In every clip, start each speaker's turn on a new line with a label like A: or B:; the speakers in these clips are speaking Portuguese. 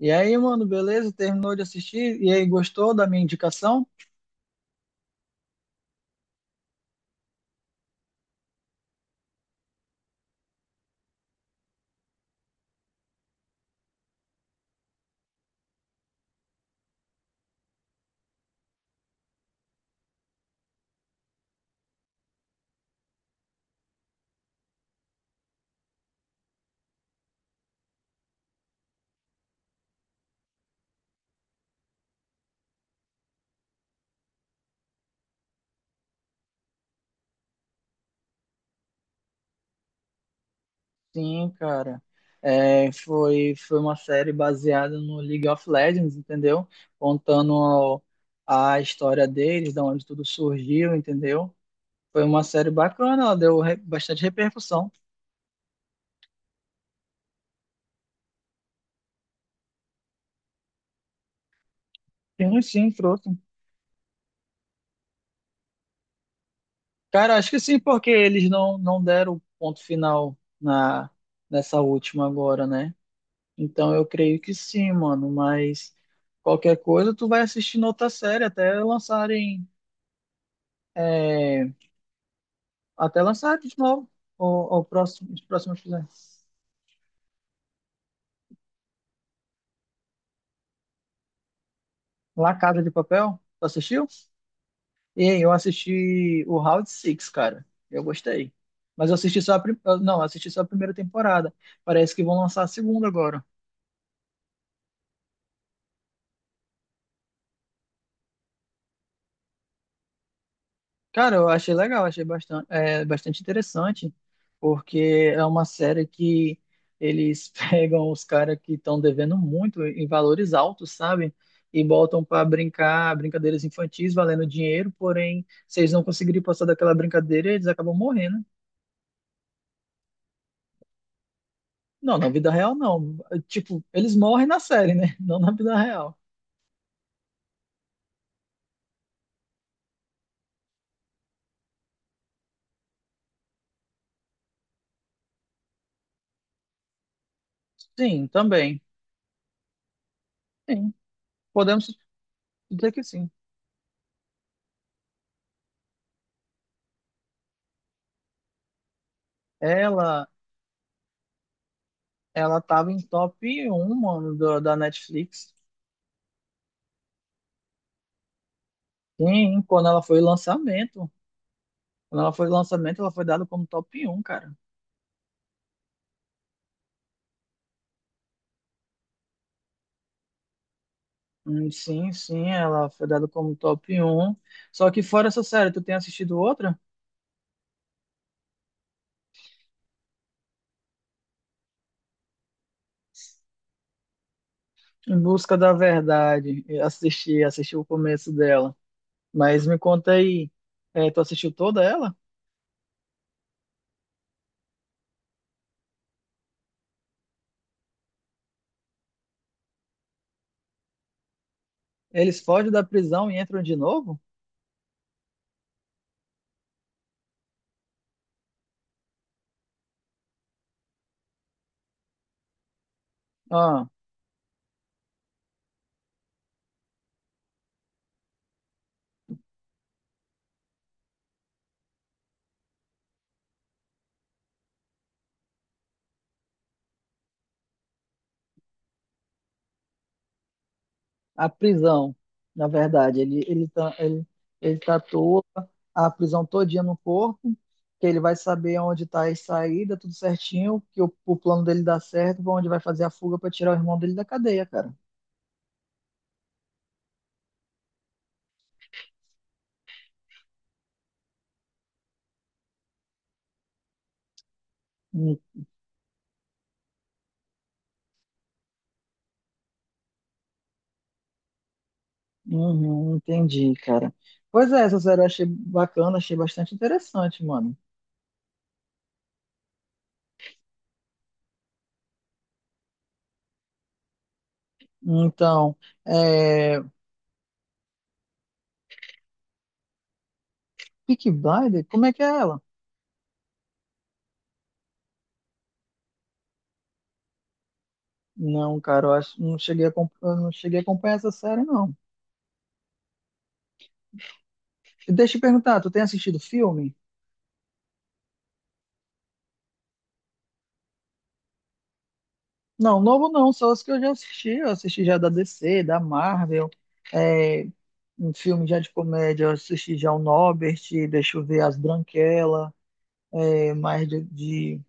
A: E aí, mano, beleza? Terminou de assistir? E aí, gostou da minha indicação? Sim, cara. Foi uma série baseada no League of Legends, entendeu? Contando a história deles, da onde tudo surgiu, entendeu? Foi uma série bacana, ela deu bastante repercussão. Sim, sim, trouxe. Cara, acho que sim, porque eles não deram o ponto final nessa última agora, né? Então eu creio que sim, mano, mas qualquer coisa tu vai assistindo outra série até lançarem, é, até lançarem de novo o próximo, os próximos filmes. La Casa de Papel, tu assistiu? E aí, eu assisti o Round Six, cara, eu gostei. Mas eu assisti só a, prim- não, eu assisti só a primeira temporada, parece que vão lançar a segunda agora. Cara, eu achei legal, achei bastante interessante, porque é uma série que eles pegam os caras que estão devendo muito em valores altos, sabe? E botam para brincar brincadeiras infantis valendo dinheiro, porém, se eles não conseguirem passar daquela brincadeira, eles acabam morrendo. Não, na vida real não. Tipo, eles morrem na série, né? Não na vida real. Sim, também. Sim, podemos dizer que sim. Ela, Ela tava em top um mano, da Netflix. Sim, quando ela foi lançamento, ela foi dada como top um cara. Hum. Sim, sim, ela foi dada como top um. Só que fora essa série, tu tem assistido outra? Em Busca da Verdade. Eu assisti, assisti o começo dela. Mas me conta aí, tu assistiu toda ela? Eles fogem da prisão e entram de novo? Ah, a prisão, na verdade. Ele ele tatua a prisão todinha no corpo, que ele vai saber onde está a saída, tudo certinho, que o plano dele dá certo, pra onde vai fazer a fuga para tirar o irmão dele da cadeia, cara. Hum. Uhum, entendi, cara. Pois é, essa série eu achei bacana, achei bastante interessante, mano. Então, é... Peaky Blinders, como é que é ela? Não, cara, eu acho, não cheguei a, acom- eu não cheguei a acompanhar essa série, não. E deixa eu te perguntar, tu tem assistido filme? Não, novo não, só os que eu já assisti. Eu assisti já da DC, da Marvel, é, um filme já de comédia, eu assisti já o Norbert, deixa eu ver, As Branquelas, é, mais de, de-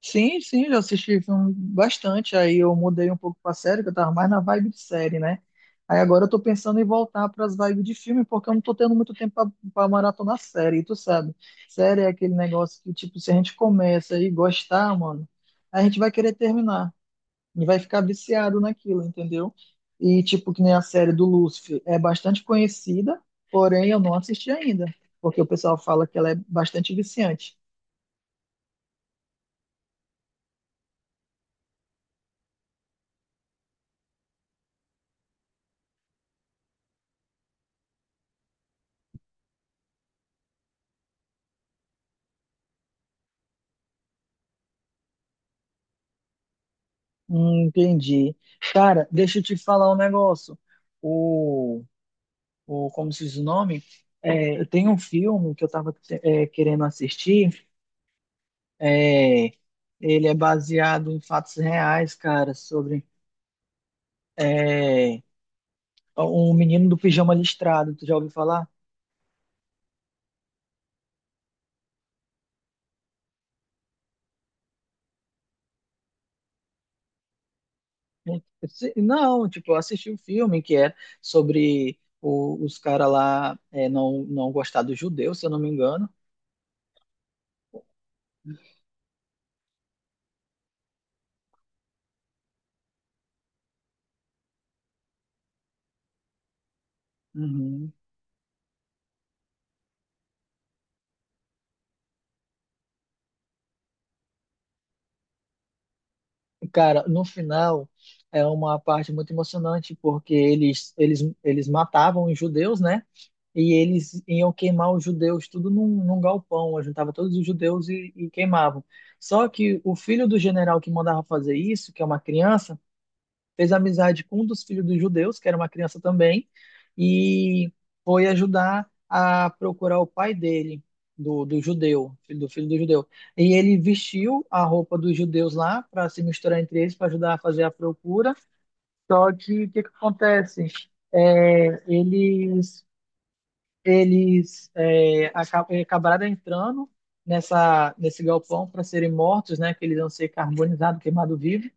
A: Sim, sim, já assisti filme bastante. Aí eu mudei um pouco pra série, que eu tava mais na vibe de série, né? Aí agora eu tô pensando em voltar pras vibes de filme, porque eu não tô tendo muito tempo pra maratonar série, e tu sabe. Série é aquele negócio que, tipo, se a gente começa e gostar, mano, a gente vai querer terminar. E vai ficar viciado naquilo, entendeu? E tipo, que nem a série do Lúcifer é bastante conhecida, porém eu não assisti ainda, porque o pessoal fala que ela é bastante viciante. Entendi. Cara, deixa eu te falar um negócio. O, o como se diz o nome? É, eu tenho um filme que eu estava querendo assistir. É, ele é baseado em fatos reais, cara, sobre é, um menino do pijama listrado. Tu já ouviu falar? Não, tipo, eu assisti um filme que é sobre os caras lá não gostar dos judeus, se eu não me engano. Uhum. Cara, no final é uma parte muito emocionante, porque eles matavam os judeus, né? E eles iam queimar os judeus tudo num galpão, juntava todos os judeus e queimavam. Só que o filho do general que mandava fazer isso, que é uma criança, fez amizade com um dos filhos dos judeus, que era uma criança também, e foi ajudar a procurar o pai dele, do judeu, filho do judeu. E ele vestiu a roupa dos judeus lá para se misturar entre eles, para ajudar a fazer a procura. Só que o que, que acontece? É, eles eles é, aca- é, acabaram entrando nessa nesse galpão para serem mortos, né? Que eles iam ser carbonizados, queimados vivos.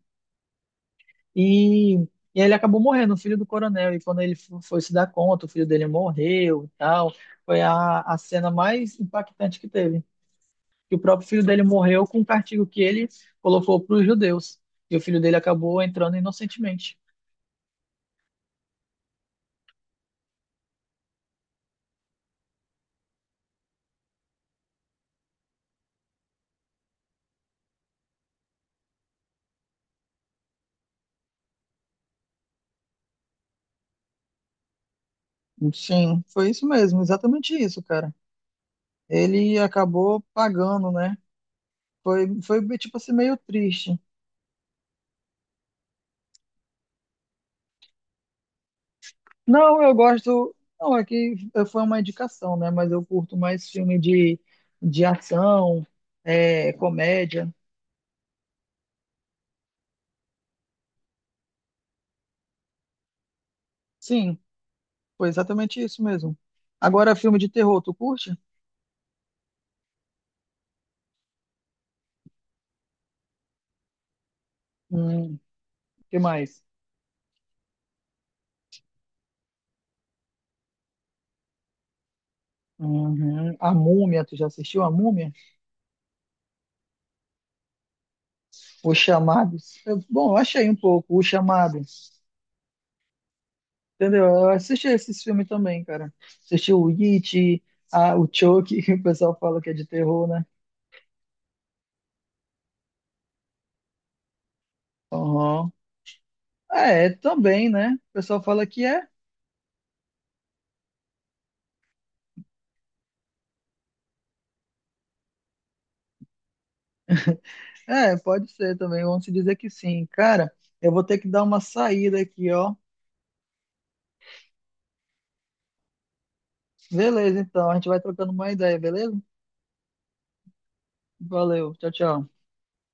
A: E, e aí ele acabou morrendo, o filho do coronel. E quando ele foi se dar conta, o filho dele morreu e tal. Foi a cena mais impactante que teve. Que o próprio filho dele morreu com um castigo que ele colocou para os judeus. E o filho dele acabou entrando inocentemente. Sim, foi isso mesmo, exatamente isso, cara. Ele acabou pagando, né? Foi, foi tipo assim, meio triste. Não, eu gosto. Não, é que foi uma indicação, né? Mas eu curto mais filme de ação, é, comédia. Sim, foi exatamente isso mesmo. Agora, filme de terror, tu curte? Hum, que mais? Uhum. A Múmia, tu já assistiu A Múmia? Os Chamados? Bom, eu achei um pouco, Os Chamados. Entendeu? Eu assisti esses filmes também, cara. Assisti o It, o Chucky, que o pessoal fala que é de terror, né? Aham. É, também, né? O pessoal fala que é. É, pode ser também. Vamos se dizer que sim. Cara, eu vou ter que dar uma saída aqui, ó. Beleza, então. A gente vai trocando uma ideia, beleza? Valeu. Tchau, tchau.